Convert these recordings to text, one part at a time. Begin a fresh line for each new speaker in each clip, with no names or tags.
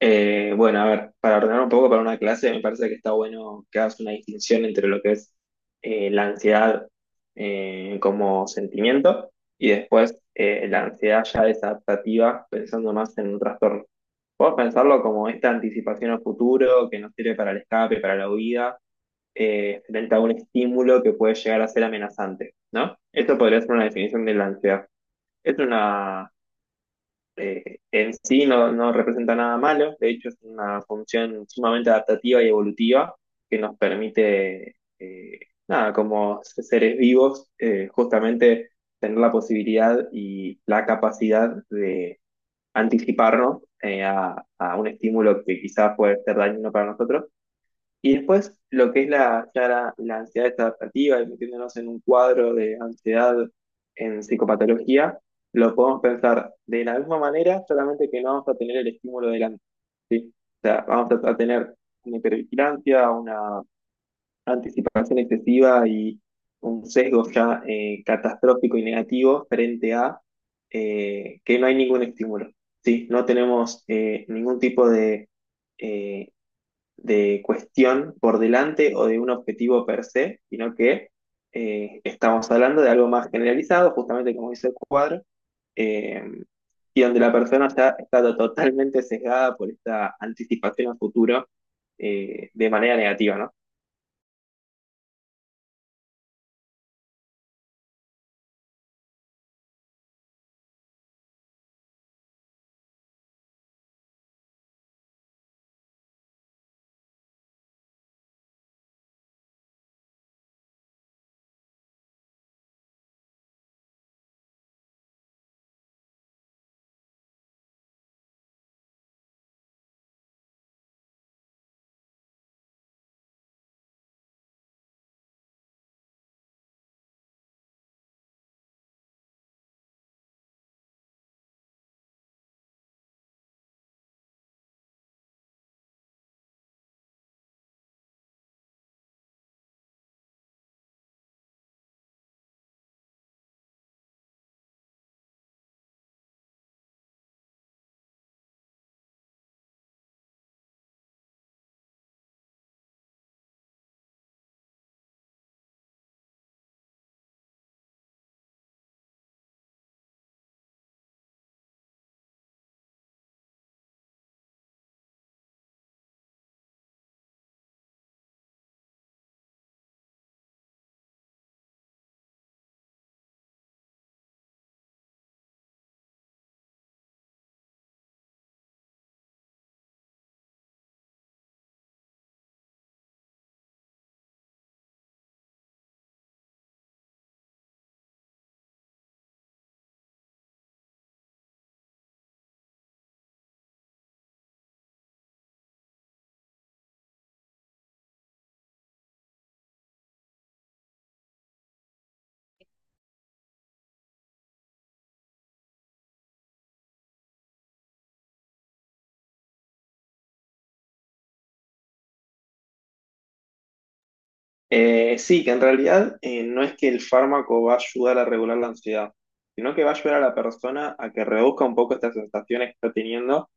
Bueno, a ver, para ordenar un poco para una clase, me parece que está bueno que hagas una distinción entre lo que es la ansiedad como sentimiento y después la ansiedad ya desadaptativa, pensando más en un trastorno. Podés pensarlo como esta anticipación al futuro que nos sirve para el escape, para la huida, frente a un estímulo que puede llegar a ser amenazante, ¿no? Esto podría ser una definición de la ansiedad. Es una en sí no representa nada malo, de hecho es una función sumamente adaptativa y evolutiva que nos permite, nada, como seres vivos, justamente tener la posibilidad y la capacidad de anticiparnos a un estímulo que quizás puede ser dañino para nosotros y después lo que es la ansiedad adaptativa y metiéndonos en un cuadro de ansiedad en psicopatología, lo podemos pensar de la misma manera, solamente que no vamos a tener el estímulo delante, ¿sí? O sea, vamos a tener una hipervigilancia, una anticipación excesiva y un sesgo ya catastrófico y negativo frente a que no hay ningún estímulo, ¿sí? No tenemos ningún tipo eh, de cuestión por delante o de un objetivo per se, sino que estamos hablando de algo más generalizado, justamente como dice el cuadro, eh, y donde la persona está totalmente sesgada por esta anticipación al futuro de manera negativa, ¿no? Sí, que en realidad no es que el fármaco va a ayudar a regular la ansiedad, sino que va a ayudar a la persona a que reduzca un poco estas sensaciones que está teniendo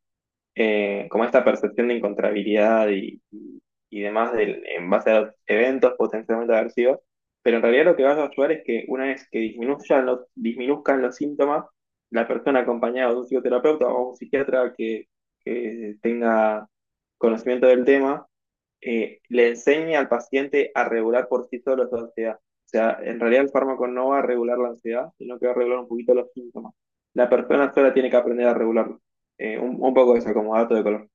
como esta percepción de incontrabilidad y demás en base a los eventos potencialmente aversivos, pero en realidad lo que vas a ayudar es que una vez que disminuzcan los síntomas, la persona acompañada de un psicoterapeuta o un psiquiatra que tenga conocimiento del tema, le enseñe al paciente a regular por sí solo su ansiedad. O sea, en realidad el fármaco no va a regular la ansiedad, sino que va a regular un poquito los síntomas. La persona sola tiene que aprender a regularlo. Un poco eso como dato de color.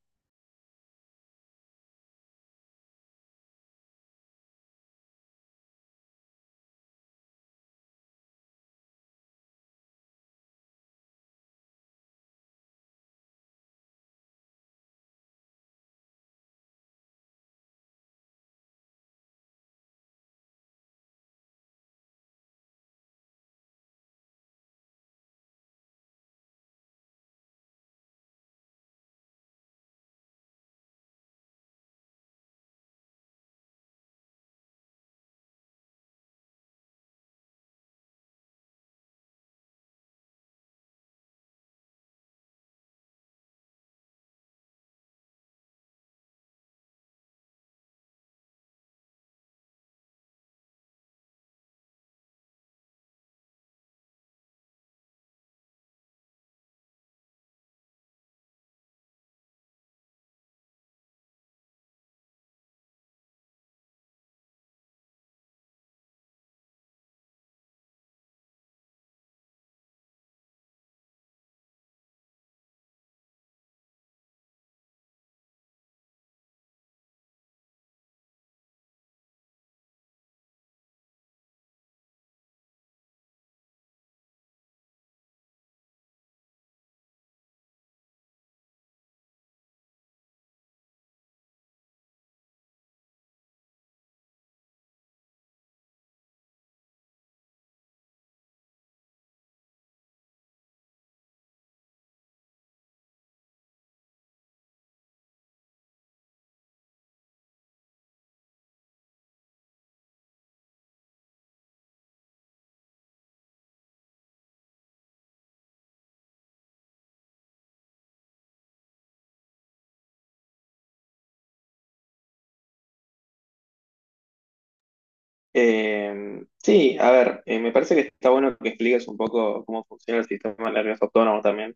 Sí, a ver, me parece que está bueno que expliques un poco cómo funciona el sistema nervioso autónomo también,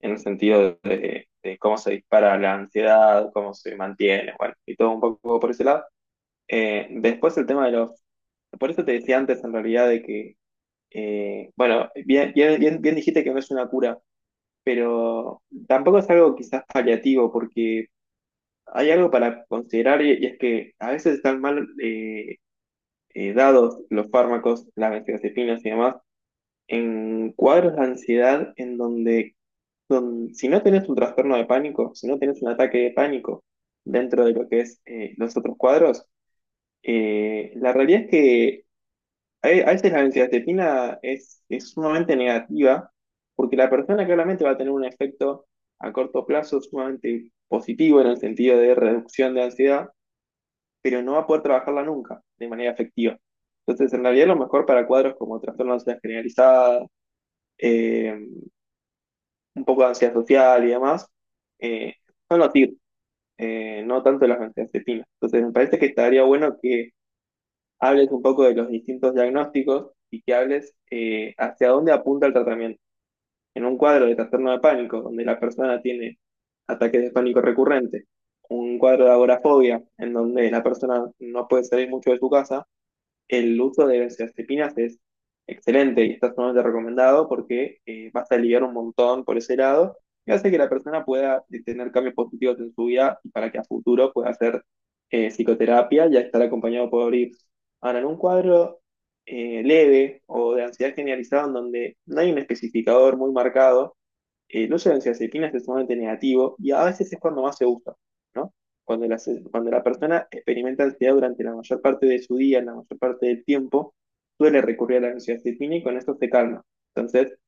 en el sentido de cómo se dispara la ansiedad, cómo se mantiene, bueno, y todo un poco por ese lado. Después el tema de los... Por eso te decía antes en realidad bueno, bien dijiste que no es una cura, pero tampoco es algo quizás paliativo, porque hay algo para considerar y es que a veces están mal, dados los fármacos, las benzodiazepinas y demás, en cuadros de ansiedad en donde, si no tenés un trastorno de pánico, si no tenés un ataque de pánico dentro de lo que es los otros cuadros, la realidad es que a veces la benzodiazepina es sumamente negativa porque la persona claramente va a tener un efecto a corto plazo sumamente positivo en el sentido de reducción de ansiedad, pero no va a poder trabajarla nunca de manera efectiva. Entonces, en realidad, lo mejor para cuadros como trastorno de ansiedad generalizada, eh, un poco de ansiedad social y demás, eh, son los TIR, no tanto las benzodiazepinas. Entonces, me parece que estaría bueno que hables un poco de los distintos diagnósticos y que hables hacia dónde apunta el tratamiento. En un cuadro de trastorno de pánico, donde la persona tiene ataques de pánico recurrente, un cuadro de agorafobia, en donde la persona no puede salir mucho de su casa, el uso de benzodiazepinas es excelente y está sumamente recomendado porque vas a aliviar un montón por ese lado y hace que la persona pueda tener cambios positivos en su vida y para que a futuro pueda hacer psicoterapia y estar acompañado por IPS. Ahora, en un cuadro leve o de ansiedad generalizada en donde no hay un especificador muy marcado, no solo en benzodiazepinas es sumamente negativo y a veces es cuando más se usa, ¿no? Cuando la persona experimenta ansiedad durante la mayor parte de su día, en la mayor parte del tiempo, suele recurrir a la benzodiazepina y con esto se calma. Entonces,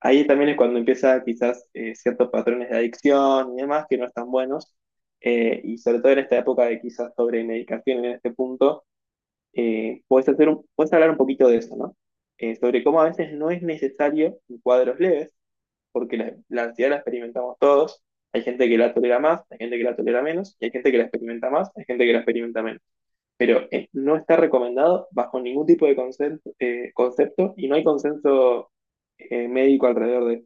ahí también es cuando empieza quizás ciertos patrones de adicción y demás que no están buenos. Y sobre todo en esta época de quizás sobre medicación en este punto, puedes hablar un poquito de eso, ¿no? Sobre cómo a veces no es necesario en cuadros leves porque la ansiedad la experimentamos todos. Hay gente que la tolera más, hay gente que la tolera menos, y hay gente que la experimenta más, hay gente que la experimenta menos. Pero no está recomendado bajo ningún tipo de concepto y no hay consenso médico alrededor de...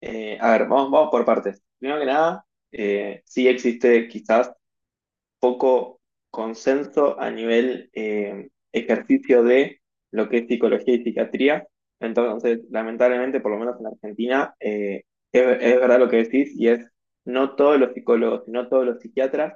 A ver, vamos por partes. Primero que nada, sí existe quizás poco consenso a nivel ejercicio de lo que es psicología y psiquiatría. Entonces, lamentablemente, por lo menos en Argentina, es verdad lo que decís y es no todos los psicólogos y no todos los psiquiatras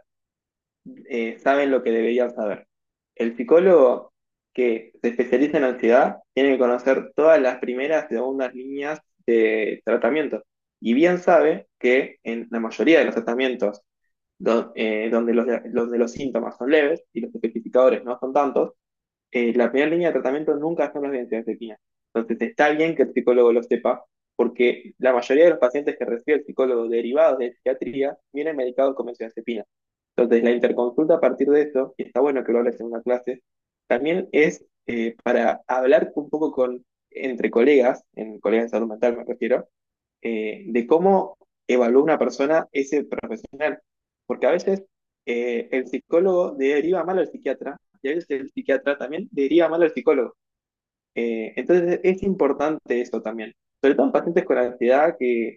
saben lo que deberían saber. El psicólogo que se especializa en ansiedad tiene que conocer todas las primeras y segundas líneas de tratamiento. Y bien sabe que en la mayoría de los tratamientos do- eh, donde los, donde los síntomas son leves y los especificadores no son tantos, la primera línea de tratamiento nunca son las benzodiazepinas. Entonces está bien que el psicólogo lo sepa, porque la mayoría de los pacientes que recibe el psicólogo derivados de psiquiatría vienen medicados con benzodiazepina. Entonces, la interconsulta a partir de eso, y está bueno que lo hables en una clase, también es para hablar un poco entre colegas, en colegas de salud mental me refiero, de cómo evalúa una persona ese profesional. Porque a veces el psicólogo deriva mal al psiquiatra y a veces el psiquiatra también deriva mal al psicólogo. Entonces es importante eso también, sobre todo en pacientes con ansiedad que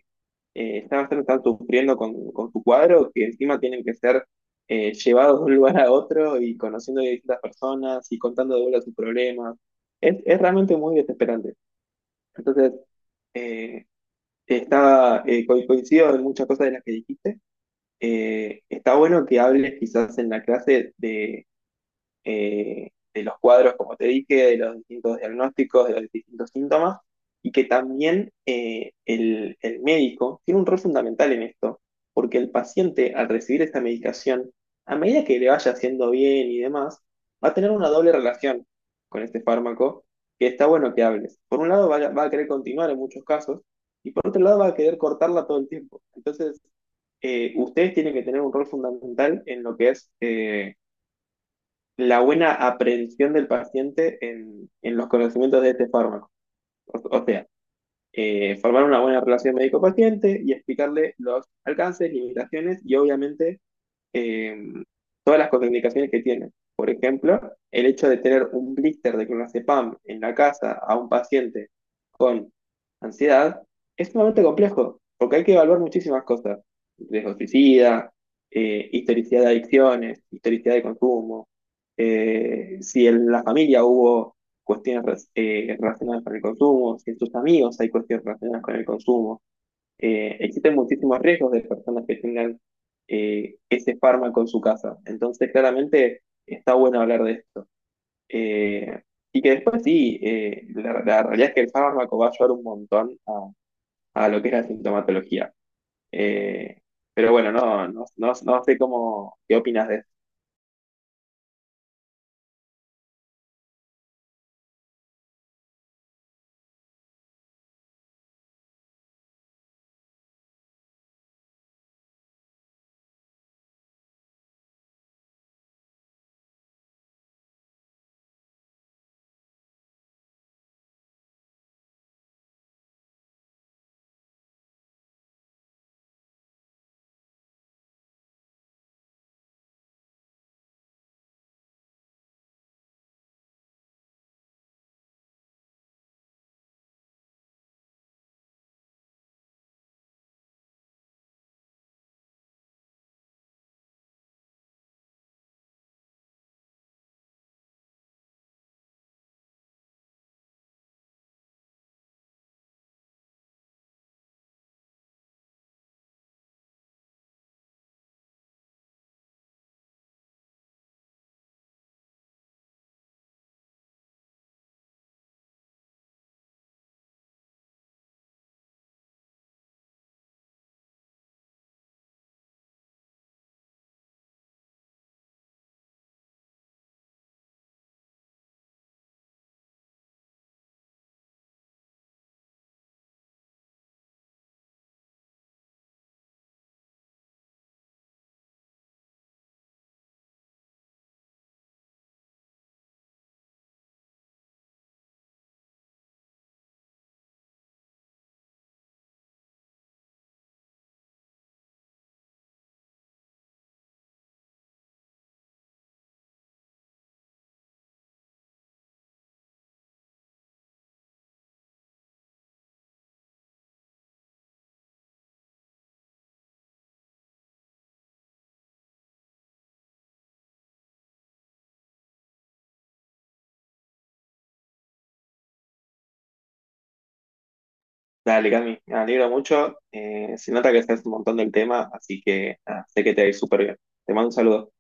están sufriendo con su cuadro, que encima tienen que ser llevados de un lugar a otro y conociendo de distintas personas y contando de vuelta sus problemas. Es realmente muy desesperante. Entonces, eh, coincido en muchas cosas de las que dijiste. Está bueno que hables quizás en la clase de los cuadros, como te dije, de los distintos diagnósticos, de los distintos síntomas, y que también el médico tiene un rol fundamental en esto, porque el paciente al recibir esta medicación, a medida que le vaya haciendo bien y demás, va a tener una doble relación con este fármaco, que está bueno que hables. Por un lado va a querer continuar en muchos casos, y por otro lado va a querer cortarla todo el tiempo. Entonces, ustedes tienen que tener un rol fundamental en lo que es la buena aprehensión del paciente en los conocimientos de este fármaco. O sea, formar una buena relación médico-paciente y explicarle los alcances, limitaciones y obviamente eh, todas las contraindicaciones que tiene. Por ejemplo, el hecho de tener un blister de clonazepam en la casa a un paciente con ansiedad es sumamente complejo, porque hay que evaluar muchísimas cosas. Riesgo suicida, historicidad de adicciones, historicidad de consumo, si en la familia hubo cuestiones relacionadas con el consumo, si en tus amigos hay cuestiones relacionadas con el consumo existen muchísimos riesgos de personas que tengan ese fármaco en su casa. Entonces, claramente está bueno hablar de esto. Eh, y que después sí, la realidad es que el fármaco va a ayudar un montón a lo que es la sintomatología. Eh, pero bueno, no sé cómo, qué opinas de esto. Dale, Cami, me alegro mucho. Se nota que sabes un montón del tema, así que nada, sé que te va a ir súper bien. Te mando un saludo.